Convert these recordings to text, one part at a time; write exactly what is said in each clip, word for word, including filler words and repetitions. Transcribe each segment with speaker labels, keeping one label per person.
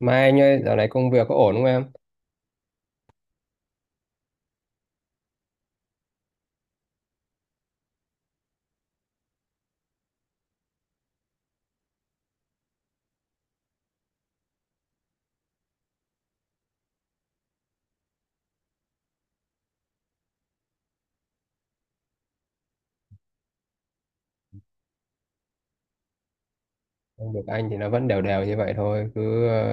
Speaker 1: Mà anh ơi, dạo này công việc có ổn không em? Công việc anh thì nó vẫn đều đều như vậy thôi, cứ ờ,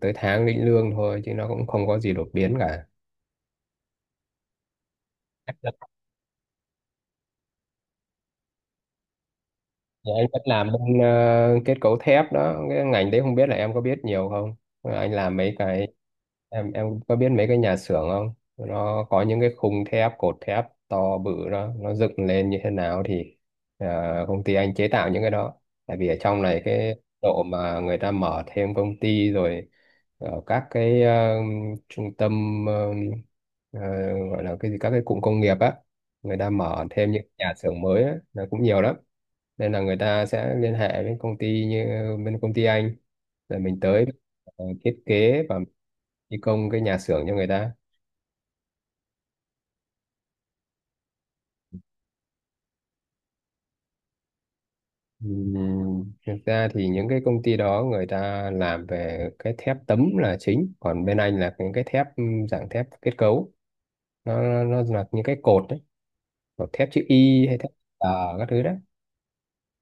Speaker 1: tới tháng lĩnh lương thôi, chứ nó cũng không có gì đột biến cả. Dạ, anh vẫn làm bên ờ, kết cấu thép đó, cái ngành đấy không biết là em có biết nhiều không. Ờ, anh làm mấy cái, em em có biết mấy cái nhà xưởng không, nó có những cái khung thép cột thép to bự đó nó dựng lên như thế nào thì ờ, công ty anh chế tạo những cái đó. Tại vì ở trong này, cái độ mà người ta mở thêm công ty rồi ở các cái ờ, trung tâm, ờ, ờ, gọi là cái gì, các cái cụm công nghiệp á, người ta mở thêm những nhà xưởng mới á, là cũng nhiều lắm, nên là người ta sẽ liên hệ với công ty như bên công ty anh, rồi mình tới ờ, thiết kế và thi công cái nhà xưởng cho người ta. Ừm, thực ra thì những cái công ty đó người ta làm về cái thép tấm là chính, còn bên anh là những cái thép ừm, dạng thép kết cấu, nó nó là những cái cột đấy, hoặc thép chữ Y hay thép tờ, các thứ đấy.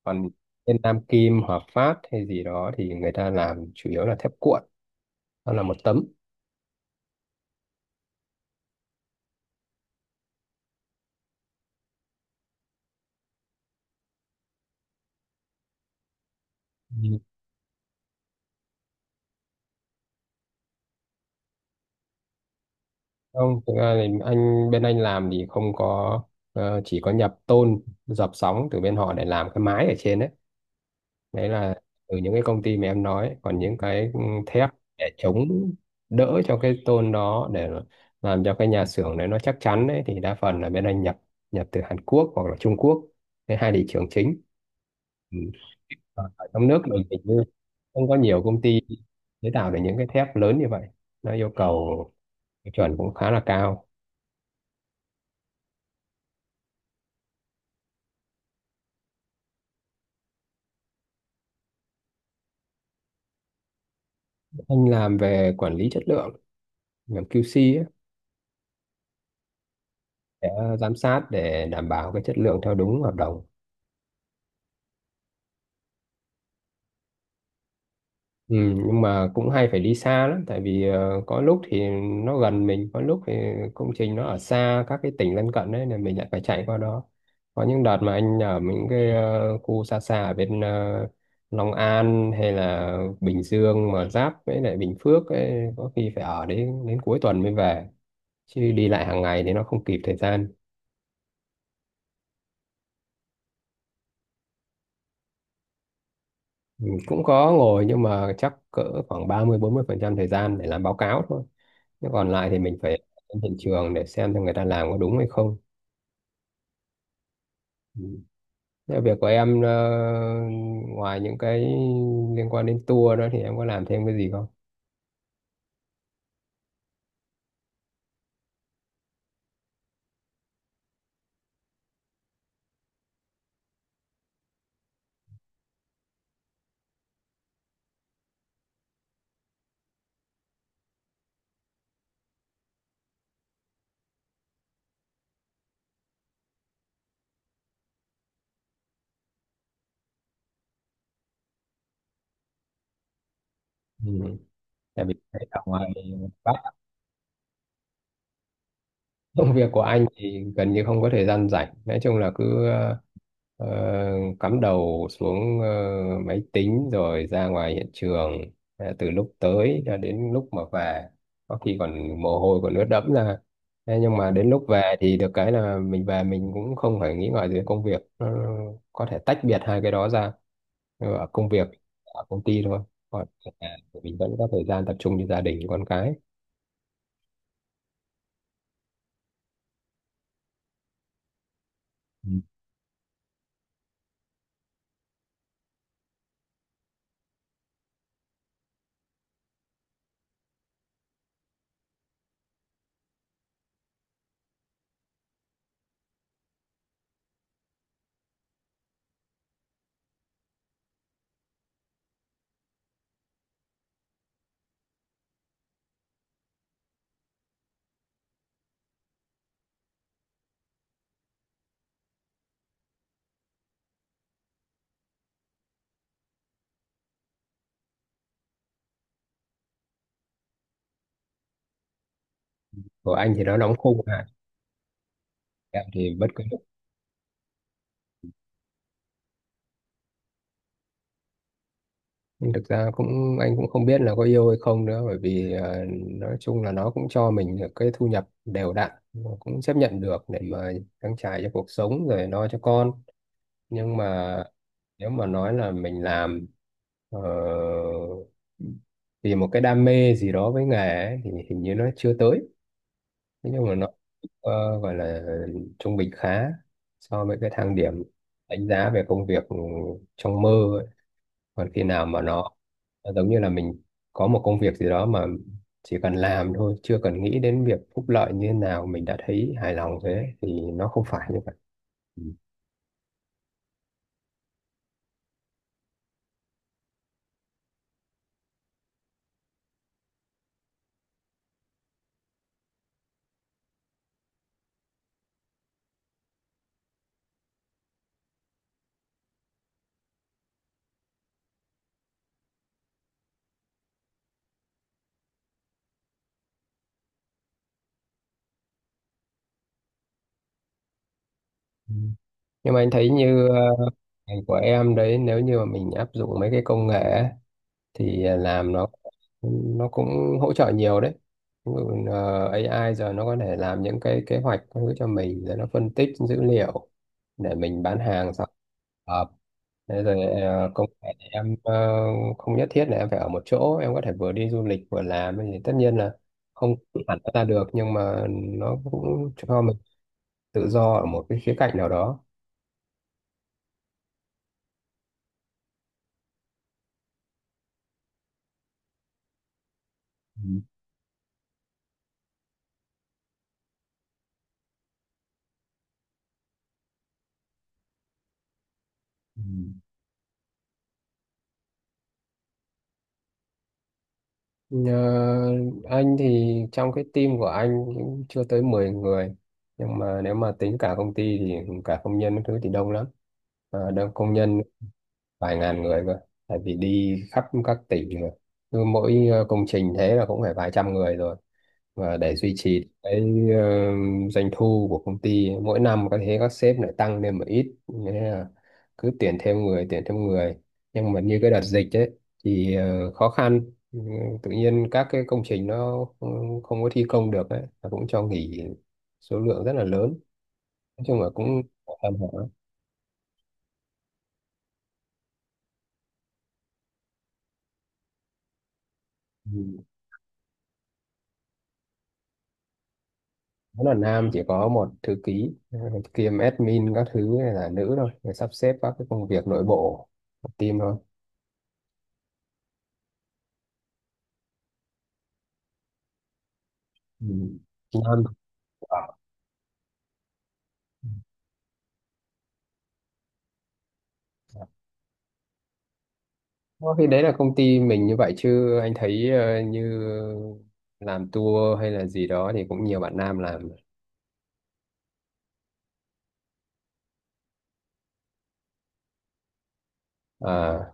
Speaker 1: Còn bên Nam Kim, Hòa Phát hay gì đó thì người ta làm chủ yếu là thép cuộn, nó là một tấm. Ừ, không, thực ra thì anh, bên anh làm thì không có, ờ, chỉ có nhập tôn dập sóng từ bên họ để làm cái mái ở trên đấy, đấy là từ những cái công ty mà em nói. Còn những cái ừ, thép để chống đỡ cho cái tôn đó để làm cho cái nhà xưởng đấy nó chắc chắn đấy, thì đa phần là bên anh nhập, nhập từ Hàn Quốc hoặc là Trung Quốc, cái hai thị trường chính. Ừ. Còn ở trong nước mình hình như không có nhiều công ty chế tạo được những cái thép lớn như vậy, nó yêu cầu cái chuẩn cũng khá là cao. Anh làm về quản lý chất lượng, làm quy xê ấy, để giám sát để đảm bảo cái chất lượng theo đúng hợp đồng. Ừ, nhưng mà cũng hay phải đi xa lắm, tại vì ờ, có lúc thì nó gần mình, có lúc thì công trình nó ở xa, các cái tỉnh lân cận đấy, nên mình lại phải chạy qua đó. Có những đợt mà anh ở những cái ờ, khu xa xa ở bên ờ, Long An hay là Bình Dương mà giáp với lại Bình Phước ấy, có khi phải ở đến đến cuối tuần mới về, chứ đi lại hàng ngày thì nó không kịp thời gian. Ừ, cũng có ngồi nhưng mà chắc cỡ khoảng ba mươi bốn mươi phần trăm thời gian để làm báo cáo thôi. Thế còn lại thì mình phải đến hiện trường để xem xem người ta làm có đúng hay không. Ừ. Thế việc của em ờ, ngoài những cái liên quan đến tour đó thì em có làm thêm cái gì không? Ừ. Tại vì ở ngoài, công việc của anh thì gần như không có thời gian rảnh, nói chung là cứ ờ, cắm đầu xuống ờ, máy tính rồi ra ngoài hiện trường. Ờ, từ lúc tới cho đến lúc mà về, có khi còn mồ hôi còn ướt đẫm ra. Thế nhưng mà đến lúc về thì được cái là mình về mình cũng không phải nghĩ ngợi về công việc. Nó có thể tách biệt hai cái đó ra, ở công việc, ở công ty thôi, còn ở nhà thì mình vẫn có thời gian tập trung cho gia đình con cái. Ừ, của anh thì nó đóng khung ha, em thì bất cứ. Nhưng thực ra cũng, anh cũng không biết là có yêu hay không nữa, bởi vì ờ, nói chung là nó cũng cho mình được cái thu nhập đều đặn, nó cũng chấp nhận được để mà trang trải cho cuộc sống rồi lo cho con. Nhưng mà nếu mà nói là mình làm ờ, vì một cái đam mê gì đó với nghề ấy, thì hình như nó chưa tới. Thế nhưng mà nó ờ, gọi là trung bình khá so với cái thang điểm đánh giá về công việc trong mơ. Còn khi nào mà nó nó giống như là mình có một công việc gì đó mà chỉ cần làm thôi, chưa cần nghĩ đến việc phúc lợi như thế nào mình đã thấy hài lòng rồi, đấy thì nó không phải như vậy. Ừ. Ừ, nhưng mà anh thấy như ờ, ngành của em đấy, nếu như mà mình áp dụng mấy cái công nghệ ấy, thì à, làm nó nó cũng hỗ trợ nhiều đấy. Ví dụ, ờ, a i giờ nó có thể làm những cái kế hoạch các thứ cho mình, rồi nó phân tích dữ liệu để mình bán hàng sau hợp. Thế rồi ờ, công nghệ em, ờ, không nhất thiết là em phải ở một chỗ, em có thể vừa đi du lịch vừa làm, thì tất nhiên là không hẳn nó ra được, nhưng mà nó cũng cho mình tự do ở một cái khía cạnh nào đó. Ừ. Ừ. Ờ, anh thì trong cái team của anh cũng chưa tới mười người, nhưng mà nếu mà tính cả công ty thì cả công nhân các thứ thì đông lắm. Ờ, đông công nhân, vài ngàn người cơ, tại vì đi khắp các tỉnh rồi, cứ mỗi ờ, công trình thế là cũng phải vài trăm người rồi, và để duy trì cái ờ, doanh thu của công ty mỗi năm có thế, các sếp lại tăng lên một ít nên là cứ tuyển thêm người, tuyển thêm người Nhưng mà như cái đợt dịch ấy thì ờ, khó khăn. Ừ, tự nhiên các cái công trình nó không, không có thi công được ấy, nó cũng cho nghỉ số lượng rất là lớn, nói chung là cũng tạm ổn. Nó là nam, chỉ có một thư ký ờ, kiêm admin các thứ này là nữ thôi, để sắp xếp các cái công việc nội bộ của team thôi. Ừ. nam ở Ờ, thì đấy là công ty mình như vậy, chứ anh thấy ờ, như làm tour hay là gì đó thì cũng nhiều bạn nam làm. À,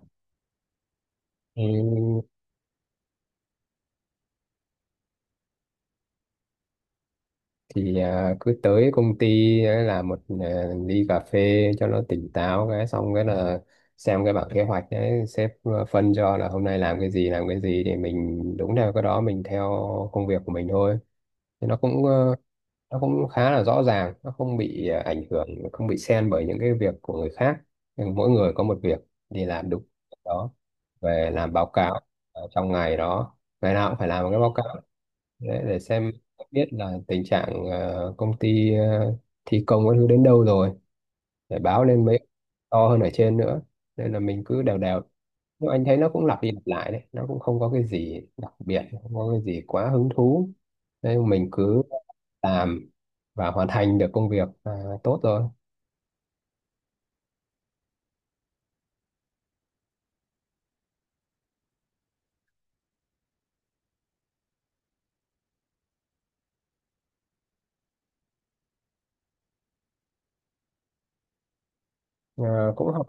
Speaker 1: thì à, cứ tới công ty ấy là một à, ly cà phê cho nó tỉnh táo, cái xong cái là xem cái bảng kế hoạch đấy sếp à, phân cho là hôm nay làm cái gì làm cái gì, thì mình đúng theo cái đó mình theo công việc của mình thôi. Thì nó cũng ờ, nó cũng khá là rõ ràng, nó không bị à, ảnh hưởng, không bị xen bởi những cái việc của người khác. Nhưng mỗi người có một việc thì làm đúng đó, về làm báo cáo ờ, trong ngày đó, ngày nào cũng phải làm một cái báo cáo để, để xem biết là tình trạng ờ, công ty, ờ, thi công các thứ đến đâu rồi, để báo lên mấy to hơn ở trên nữa, nên là mình cứ đều đều. Nhưng anh thấy nó cũng lặp đi lặp lại đấy, nó cũng không có cái gì đặc biệt, không có cái gì quá hứng thú, nên mình cứ làm và hoàn thành được công việc là tốt rồi. Ờ, cũng họp,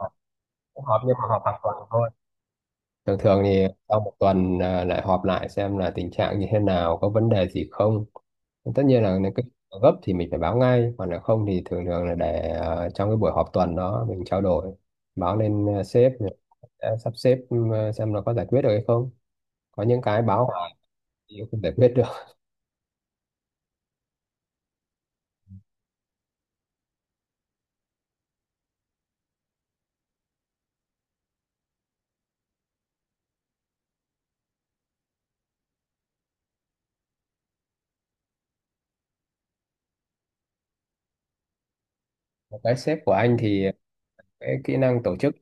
Speaker 1: cũng họp nhưng mà họp hàng tuần thôi. Thường thường thì sau một tuần à, lại họp lại xem là tình trạng như thế nào, có vấn đề gì không. Tất nhiên là, ừ, nếu cái gấp thì mình phải báo ngay, còn nếu không thì thường thường là để ờ, trong cái buổi họp tuần đó mình trao đổi, báo lên ờ, sếp thì sẽ sắp xếp, ừ, xem nó có giải quyết được hay không. Có những cái báo hoài thì không giải quyết được. Cái sếp của anh thì cái kỹ năng tổ chức,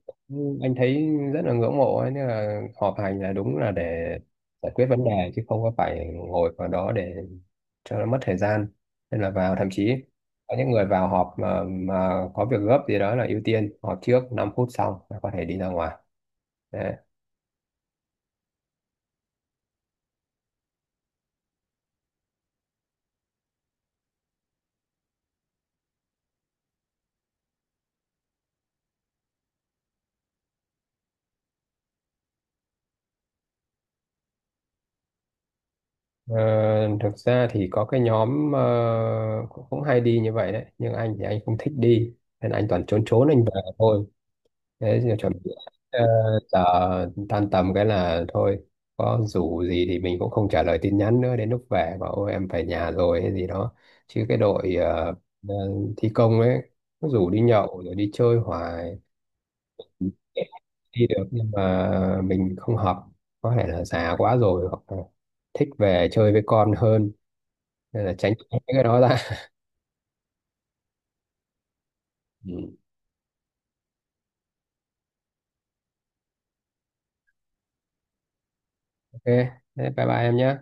Speaker 1: anh thấy rất là ngưỡng mộ ấy, nên là họp hành là đúng là để giải quyết vấn đề chứ không có phải ngồi vào đó để cho nó mất thời gian. Nên là vào, thậm chí có những người vào họp mà, mà có việc gấp gì đó là ưu tiên họp trước năm phút, xong là có thể đi ra ngoài đấy. Ờ, thực ra thì có cái nhóm ờ, cũng, cũng hay đi như vậy đấy, nhưng anh thì anh không thích đi nên anh toàn trốn, trốn anh về thôi. Thế thì chuẩn bị ờ, giờ tan tầm cái là thôi, có rủ gì thì mình cũng không trả lời tin nhắn nữa, đến lúc về bảo ôi em về nhà rồi hay gì đó. Chứ cái đội ờ, ờ, thi công ấy, nó rủ đi nhậu rồi đi chơi hoài, đi được nhưng mà mình không hợp, có thể là già quá rồi, hoặc là thích về chơi với con hơn, nên là tránh cái đó ra. Ừ. Ok, thế bye bye em nhé.